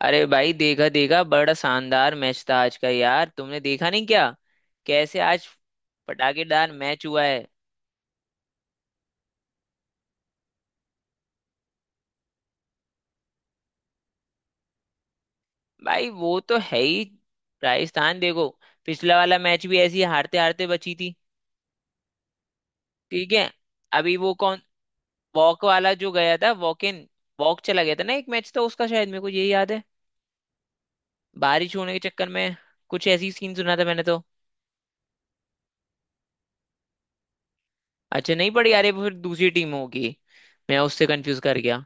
अरे भाई देखा देखा, बड़ा शानदार मैच था आज का यार। तुमने देखा नहीं क्या? कैसे आज पटाखेदार मैच हुआ है। भाई वो तो है ही। राजस्थान देखो, पिछला वाला मैच भी ऐसी हारते हारते बची थी। ठीक है। अभी वो कौन वॉक वाला जो गया था वॉक इन वॉक चला गया था ना, एक मैच था उसका, शायद मेरे को यही याद है बारिश होने के चक्कर में। कुछ ऐसी सीन सुना था मैंने तो। अच्छा नहीं पड़ी यार, ये फिर दूसरी टीम होगी, मैं उससे कंफ्यूज कर गया।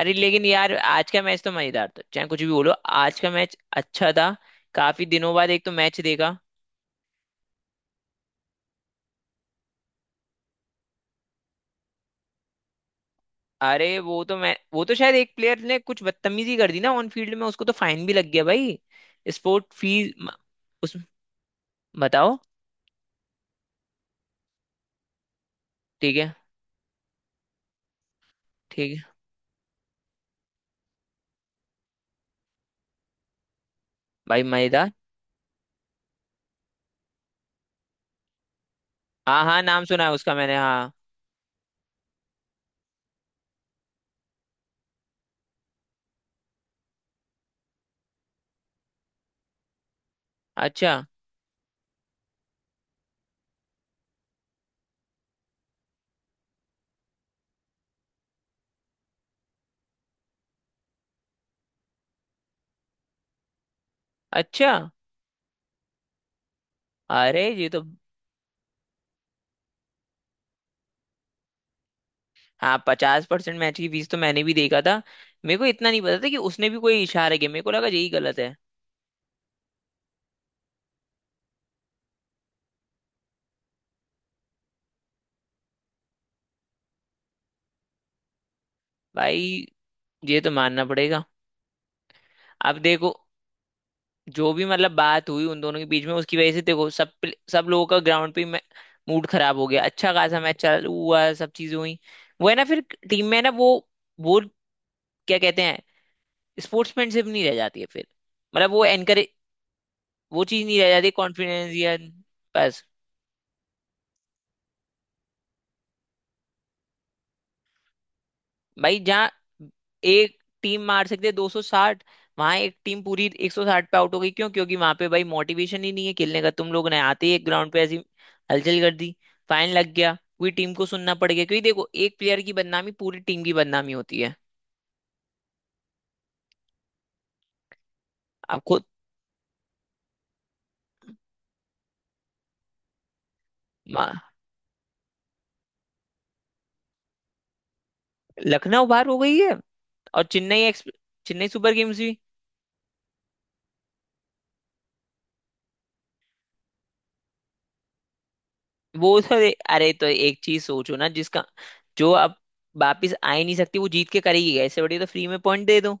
अरे लेकिन यार आज का मैच तो मजेदार था चाहे कुछ भी बोलो। आज का मैच अच्छा था, काफी दिनों बाद एक तो मैच देखा। अरे वो तो शायद एक प्लेयर ने कुछ बदतमीजी कर दी ना ऑन फील्ड में, उसको तो फाइन भी लग गया भाई। स्पोर्ट फी। उस बताओ। ठीक है ठीक है भाई। मजेदार। हाँ हाँ नाम सुना है उसका मैंने, हाँ। अच्छा। अच्छा। अरे ये तो। हाँ पचास परसेंट मैच की फीस तो मैंने भी देखा था। मेरे को इतना नहीं पता था कि उसने भी कोई इशारा किया, मेरे को लगा यही गलत है। भाई ये तो मानना पड़ेगा। अब देखो, जो भी मतलब बात हुई उन दोनों के बीच में, उसकी वजह से देखो सब लोगों का ग्राउंड पे मूड खराब हो गया। अच्छा खासा मैच चालू हुआ, सब चीजें हुई। वो है ना, फिर टीम में ना, वो क्या कहते हैं, स्पोर्ट्समैनशिप नहीं रह जाती है फिर। मतलब वो एनकरेज, वो चीज नहीं रह जाती, कॉन्फिडेंस या। बस। भाई जहाँ एक टीम मार सकती है 260, वहां एक टीम पूरी 160 पे आउट हो गई। क्यों? क्योंकि वहां पे भाई मोटिवेशन ही नहीं है खेलने का। तुम लोग ने आते ही एक ग्राउंड पे ऐसी हलचल कर दी, फाइन लग गया, पूरी टीम को सुनना पड़ गया। क्योंकि देखो, एक प्लेयर की बदनामी पूरी टीम की बदनामी होती है। अब खुद। मा- लखनऊ बाहर हो गई है, और चेन्नई एक्स, चेन्नई सुपर किंग्स भी। वो तो, अरे तो एक चीज सोचो ना, जिसका, जो अब वापिस आ ही नहीं सकती वो जीत के करेगी ऐसे? बढ़िया, तो फ्री में पॉइंट दे दो।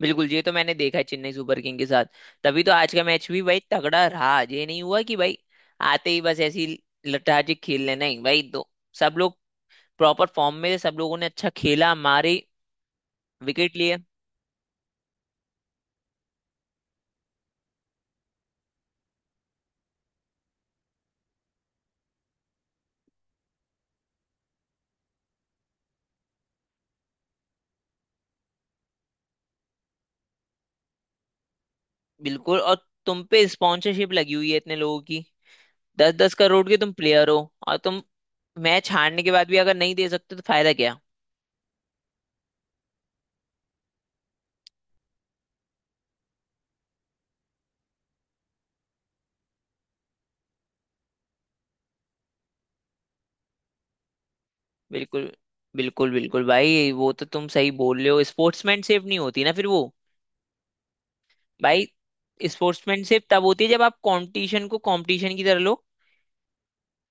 बिल्कुल, ये तो मैंने देखा है चेन्नई सुपर किंग के साथ। तभी तो आज का मैच भी भाई तगड़ा रहा, ये नहीं हुआ कि भाई आते ही बस ऐसी लठाजी खेल लेना ही भाई दो। सब लोग प्रॉपर फॉर्म में थे, सब लोगों ने अच्छा खेला, मारे, विकेट लिए। बिल्कुल। और तुम पे स्पॉन्सरशिप लगी हुई है इतने लोगों की। दस दस करोड़ के तुम प्लेयर हो, और तुम मैच हारने के बाद भी अगर नहीं दे सकते तो फायदा क्या? बिल्कुल बिल्कुल बिल्कुल भाई, वो तो तुम सही बोल रहे हो। स्पोर्ट्समैन सेफ नहीं होती ना फिर वो। भाई स्पोर्ट्समैनशिप तब होती है जब आप कंपटीशन को कंपटीशन की तरह लो।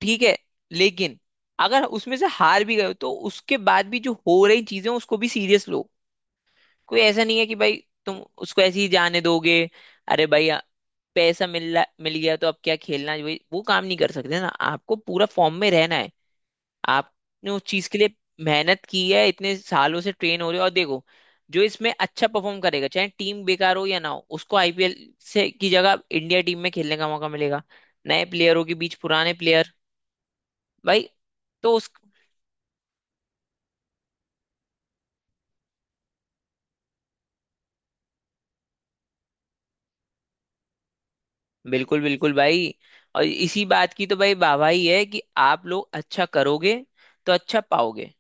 ठीक है, लेकिन अगर उसमें से हार भी गए हो तो उसके बाद भी जो हो रही चीजें हैं, उसको भी सीरियस लो। कोई ऐसा नहीं है कि भाई तुम उसको ऐसे ही जाने दोगे। अरे भाई आ- पैसा मिल मिल गया तो अब क्या खेलना है? भाई वो काम नहीं कर सकते ना, आपको पूरा फॉर्म में रहना है। आपने उस चीज के लिए मेहनत की है, इतने सालों से ट्रेन हो रहे हो। और देखो, जो इसमें अच्छा परफॉर्म करेगा चाहे टीम बेकार हो या ना हो, उसको आईपीएल से की जगह इंडिया टीम में खेलने का मौका मिलेगा। नए प्लेयरों के बीच पुराने प्लेयर, भाई। तो उस बिल्कुल बिल्कुल भाई, और इसी बात की तो भाई वाहवाही है कि आप लोग अच्छा करोगे तो अच्छा पाओगे।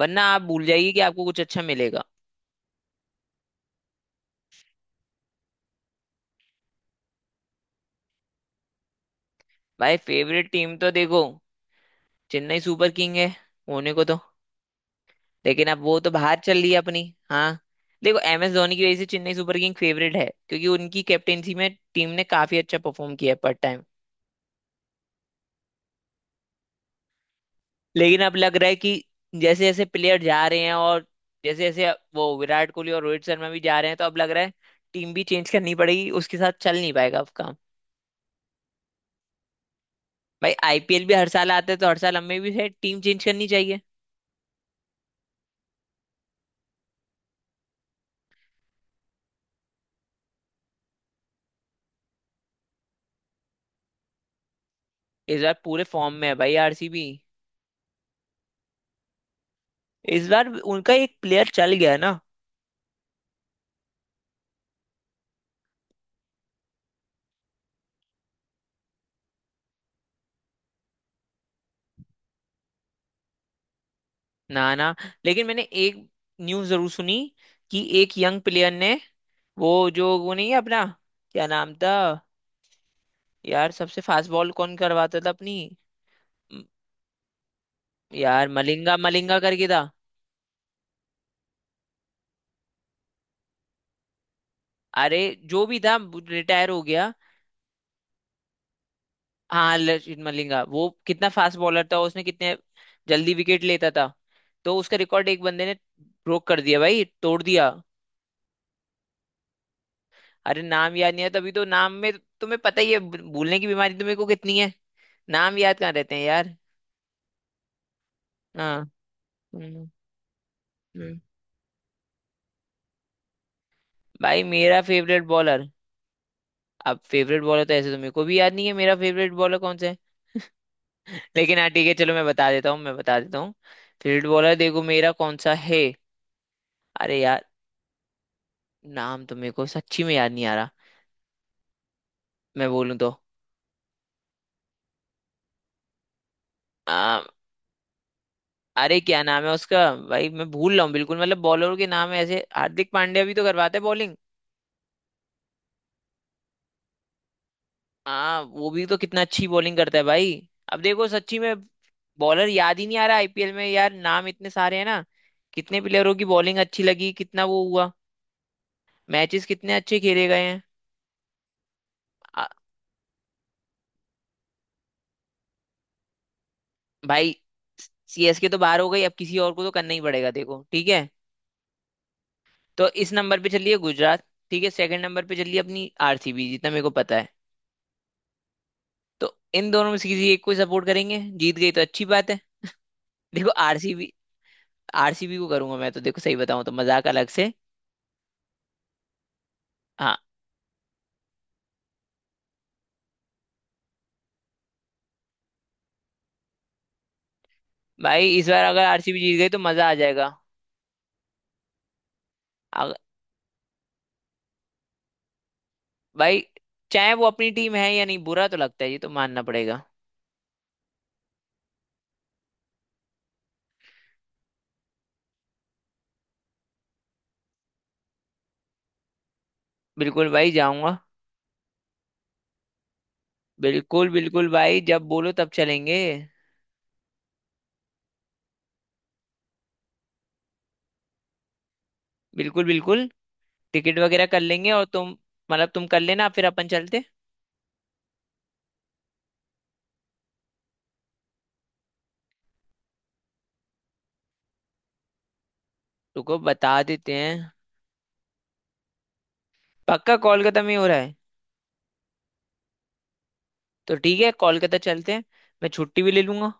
वरना आप भूल जाइए कि आपको कुछ अच्छा मिलेगा। भाई फेवरेट टीम तो देखो, चेन्नई सुपर किंग है होने को तो, लेकिन अब वो तो बाहर चल रही है अपनी। हाँ। देखो एम एस धोनी की वजह से चेन्नई सुपर किंग फेवरेट है, क्योंकि उनकी कैप्टेंसी में टीम ने काफी अच्छा परफॉर्म किया है पर टाइम। लेकिन अब लग रहा है कि जैसे जैसे प्लेयर जा रहे हैं, और जैसे जैसे वो विराट कोहली और रोहित शर्मा भी जा रहे हैं, तो अब लग रहा है टीम भी चेंज करनी पड़ेगी, उसके साथ चल नहीं पाएगा अब काम। भाई आईपीएल भी हर साल आता है, तो हर साल हमें भी है टीम चेंज करनी चाहिए। इस बार पूरे फॉर्म में है भाई आरसीबी। इस बार उनका एक प्लेयर चल गया ना। ना ना, लेकिन मैंने एक न्यूज़ जरूर सुनी कि एक यंग प्लेयर ने, वो जो वो नहीं है अपना, क्या नाम था यार, सबसे फास्ट बॉल कौन करवाता था अपनी, म- यार मलिंगा मलिंगा करके था। अरे जो भी था, रिटायर हो गया। हाँ लचित मलिंगा। वो कितना फास्ट बॉलर था, उसने कितने जल्दी विकेट लेता था। तो उसका रिकॉर्ड एक बंदे ने ब्रोक कर दिया भाई, तोड़ दिया। अरे नाम याद नहीं है, तभी तो नाम में, तुम्हें पता ही है भूलने की बीमारी तुम्हें को कितनी है। नाम याद कहाँ रहते हैं यार। हाँ। हम्म। हम्म। भाई मेरा फेवरेट बॉलर, अब फेवरेट बॉलर तो ऐसे तो मेरे को भी याद नहीं है, मेरा फेवरेट बॉलर कौन सा है। लेकिन हाँ ठीक है चलो, मैं बता देता हूँ मैं बता देता हूँ। फेवरेट बॉलर देखो मेरा कौन सा है, अरे यार, नाम तो मेरे को सच्ची में याद नहीं आ रहा, मैं बोलूँ तो। आ, अरे क्या नाम है उसका। भाई मैं भूल रहा हूँ बिल्कुल, मतलब बॉलरों के नाम ऐसे। हार्दिक पांड्या भी तो करवाते हैं बॉलिंग। हाँ, वो भी तो कितना अच्छी बॉलिंग करता है भाई। अब देखो सच्ची में, बॉलर याद ही नहीं आ रहा, आईपीएल में यार नाम इतने सारे हैं ना। कितने प्लेयरों की बॉलिंग अच्छी लगी, कितना वो हुआ, मैचेस कितने अच्छे खेले गए हैं। आ, भाई सीएसके तो बाहर हो गई, अब किसी और को तो करना ही पड़ेगा देखो, ठीक है। तो इस नंबर पे चलिए गुजरात, ठीक है। सेकंड नंबर पे चलिए अपनी आरसीबी, जितना मेरे को पता है। तो इन दोनों में से किसी एक को सपोर्ट करेंगे, जीत गई तो अच्छी बात है। देखो आरसीबी, आरसीबी को करूंगा मैं तो, देखो सही बताऊं तो, मजाक अलग से। हाँ। भाई इस बार अगर आरसीबी जीत गई तो मजा आ जाएगा। अग- भाई चाहे वो अपनी टीम है या नहीं, बुरा तो लगता है ये तो मानना पड़ेगा। बिल्कुल भाई जाऊंगा। बिल्कुल बिल्कुल भाई, जब बोलो तब चलेंगे। बिल्कुल बिल्कुल। टिकट वगैरह कर लेंगे, और तुम, मतलब तुम कर लेना फिर अपन चलते। रुको बता देते हैं। पक्का कोलकाता में ही हो रहा है। तो ठीक है, कोलकाता चलते हैं, मैं छुट्टी भी ले लूंगा।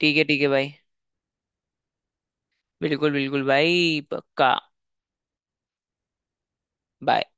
ठीक है भाई। बिल्कुल बिल्कुल भाई पक्का। बाय।